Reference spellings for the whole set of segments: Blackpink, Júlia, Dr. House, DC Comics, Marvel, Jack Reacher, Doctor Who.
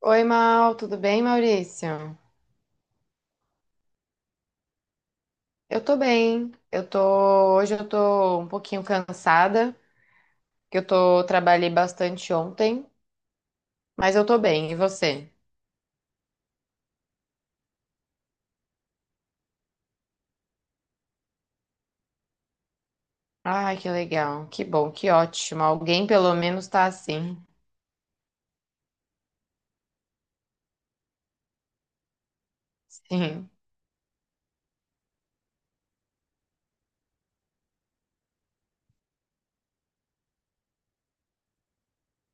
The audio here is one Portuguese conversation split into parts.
Oi, Mal, tudo bem, Maurício? Eu tô bem. Hoje eu tô um pouquinho cansada, porque eu tô trabalhei bastante ontem, mas eu tô bem. E você? Ai, que legal. Que bom, que ótimo. Alguém pelo menos tá assim. Sim.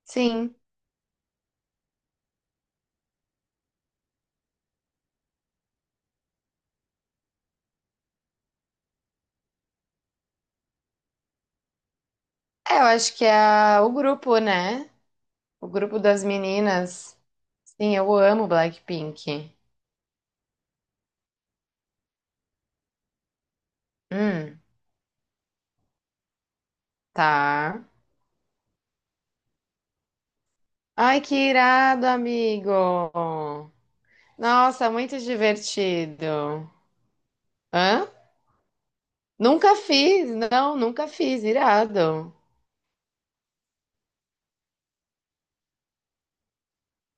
Sim. É, eu acho que é o grupo, né? O grupo das meninas. Sim, eu amo Blackpink. Hum, tá. Ai, que irado, amigo. Nossa, muito divertido. Hã? Nunca fiz, não, nunca fiz, irado.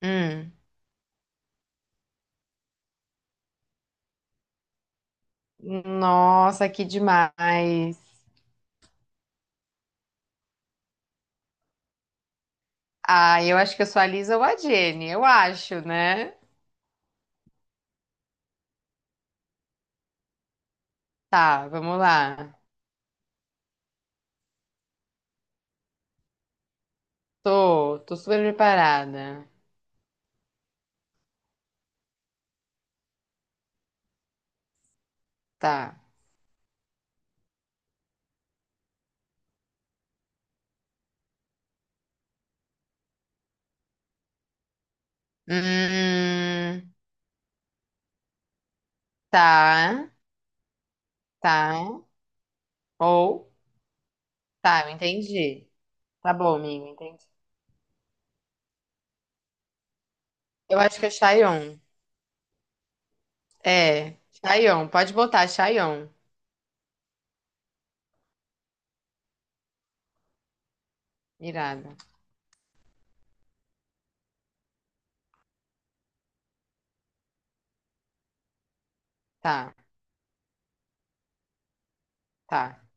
Hum. Nossa, que demais. Ah, eu acho que eu sou a Lisa ou a Jenny, eu acho, né? Tá, vamos lá. Tô, tô super preparada. Tá. Hum, tá, tá. Ou, tá, eu entendi. Tá bom, amigo, entendi. Eu acho que é Chayon. É, Chayon, pode botar Chayon. Irado. Tá. Tá.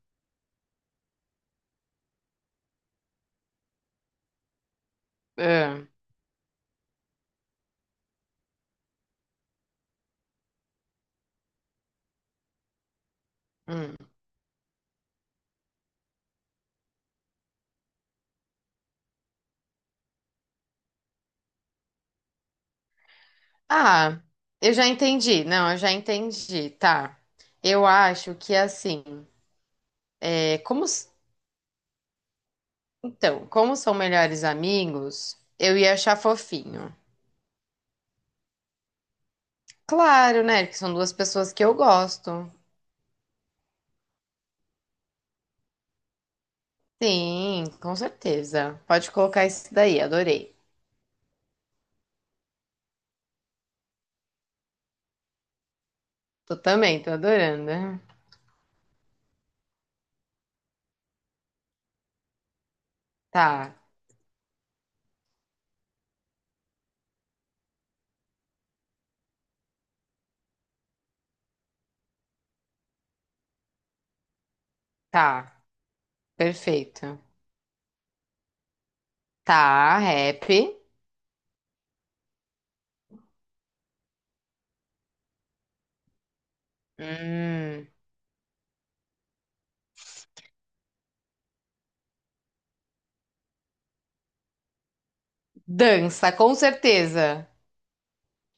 Ah, hum. Ah, eu já entendi. Não, eu já entendi. Tá. Eu acho que assim, é, como, s- então, como são melhores amigos, eu ia achar fofinho. Claro, né? Que são duas pessoas que eu gosto. Sim, com certeza. Pode colocar isso daí, adorei. Tu também, tô adorando. Tá, tá, perfeito. Tá, rap. Hum, dança, com certeza.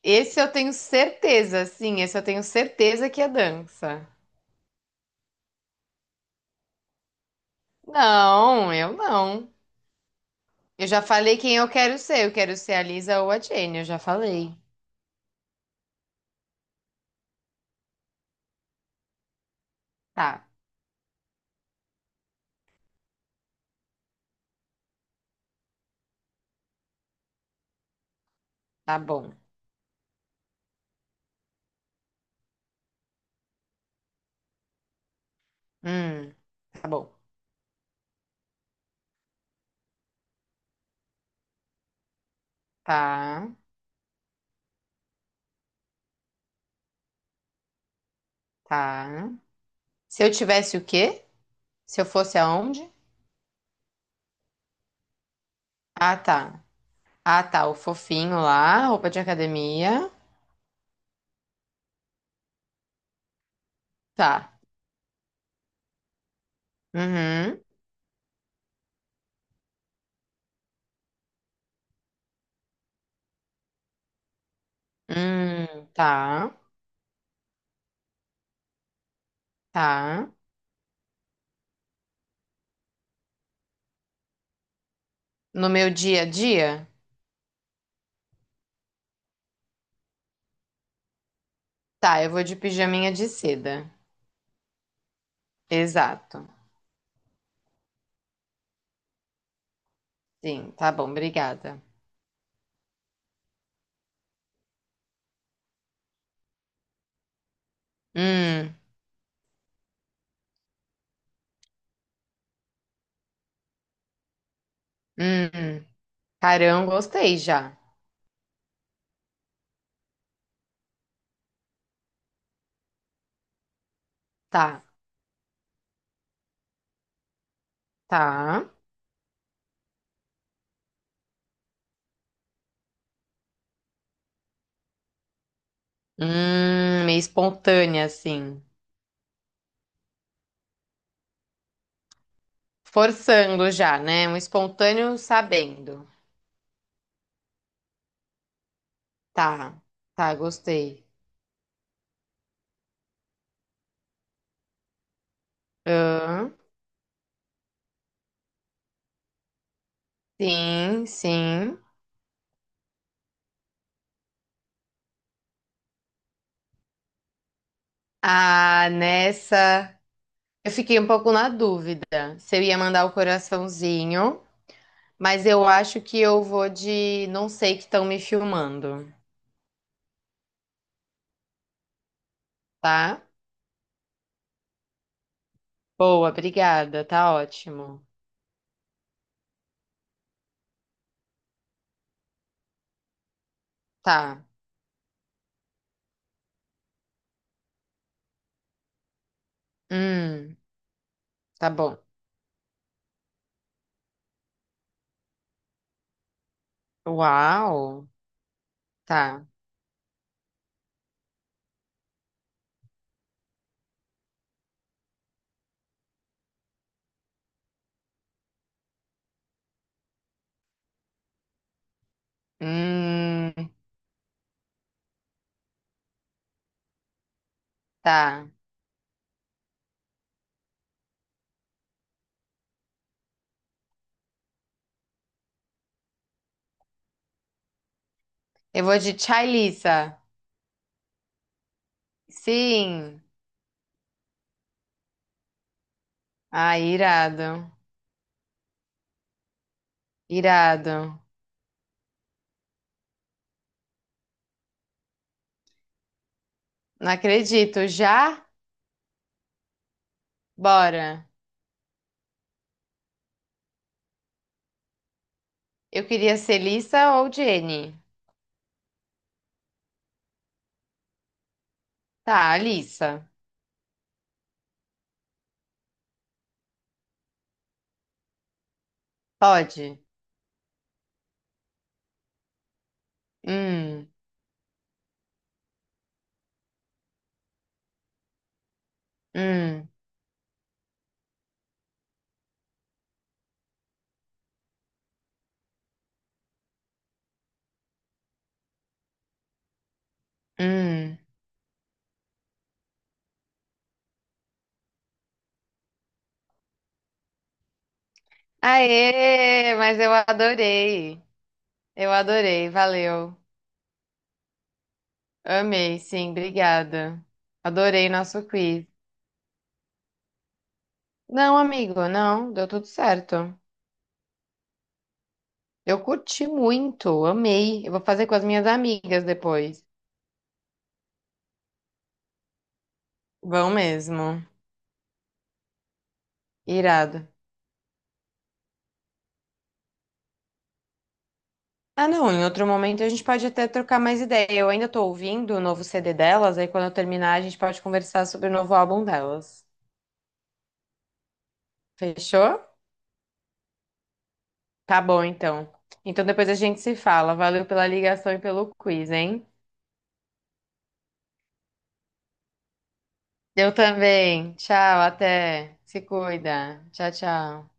Esse eu tenho certeza, sim, esse eu tenho certeza que é dança. Não, eu não. Eu já falei quem eu quero ser. Eu quero ser a Lisa ou a Jenny, eu já falei. Tá, tá bom. Hum, tá bom. Tá, tá. Se eu tivesse o quê? Se eu fosse aonde? Ah, tá. Ah, tá, o fofinho lá, roupa de academia. Tá. Uhum. Tá, tá. No meu dia a dia? Tá, eu vou de pijaminha de seda. Exato. Sim, tá bom, obrigada. Hum, hum. Carão, gostei já. Tá, tá. Meio espontânea, assim. Forçando já, né? Um espontâneo sabendo. Tá, tá, gostei. Hã? Sim, sim. Ah, nessa. Eu fiquei um pouco na dúvida se eu ia mandar o coraçãozinho, mas eu acho que eu vou de não sei que estão me filmando, tá? Boa, obrigada. Tá ótimo. Tá. Hum, tá bom. Uau. Tá. Hum, tá. Eu vou de Tchailissa. Sim. Ah, irado. Irado. Não acredito. Já? Bora. Eu queria ser Lissa ou Jenny. Tá, Lissa. Pode. Hum, hum, hum. Aê, mas eu adorei. Eu adorei. Valeu. Amei, sim, obrigada. Adorei nosso quiz. Não, amigo, não, deu tudo certo. Eu curti muito, amei. Eu vou fazer com as minhas amigas depois. Vão mesmo. Irado. Ah, não, em outro momento a gente pode até trocar mais ideia. Eu ainda tô ouvindo o novo CD delas, aí quando eu terminar a gente pode conversar sobre o novo álbum delas. Fechou? Tá bom, então. Então depois a gente se fala. Valeu pela ligação e pelo quiz, hein? Eu também. Tchau, até. Se cuida. Tchau, tchau.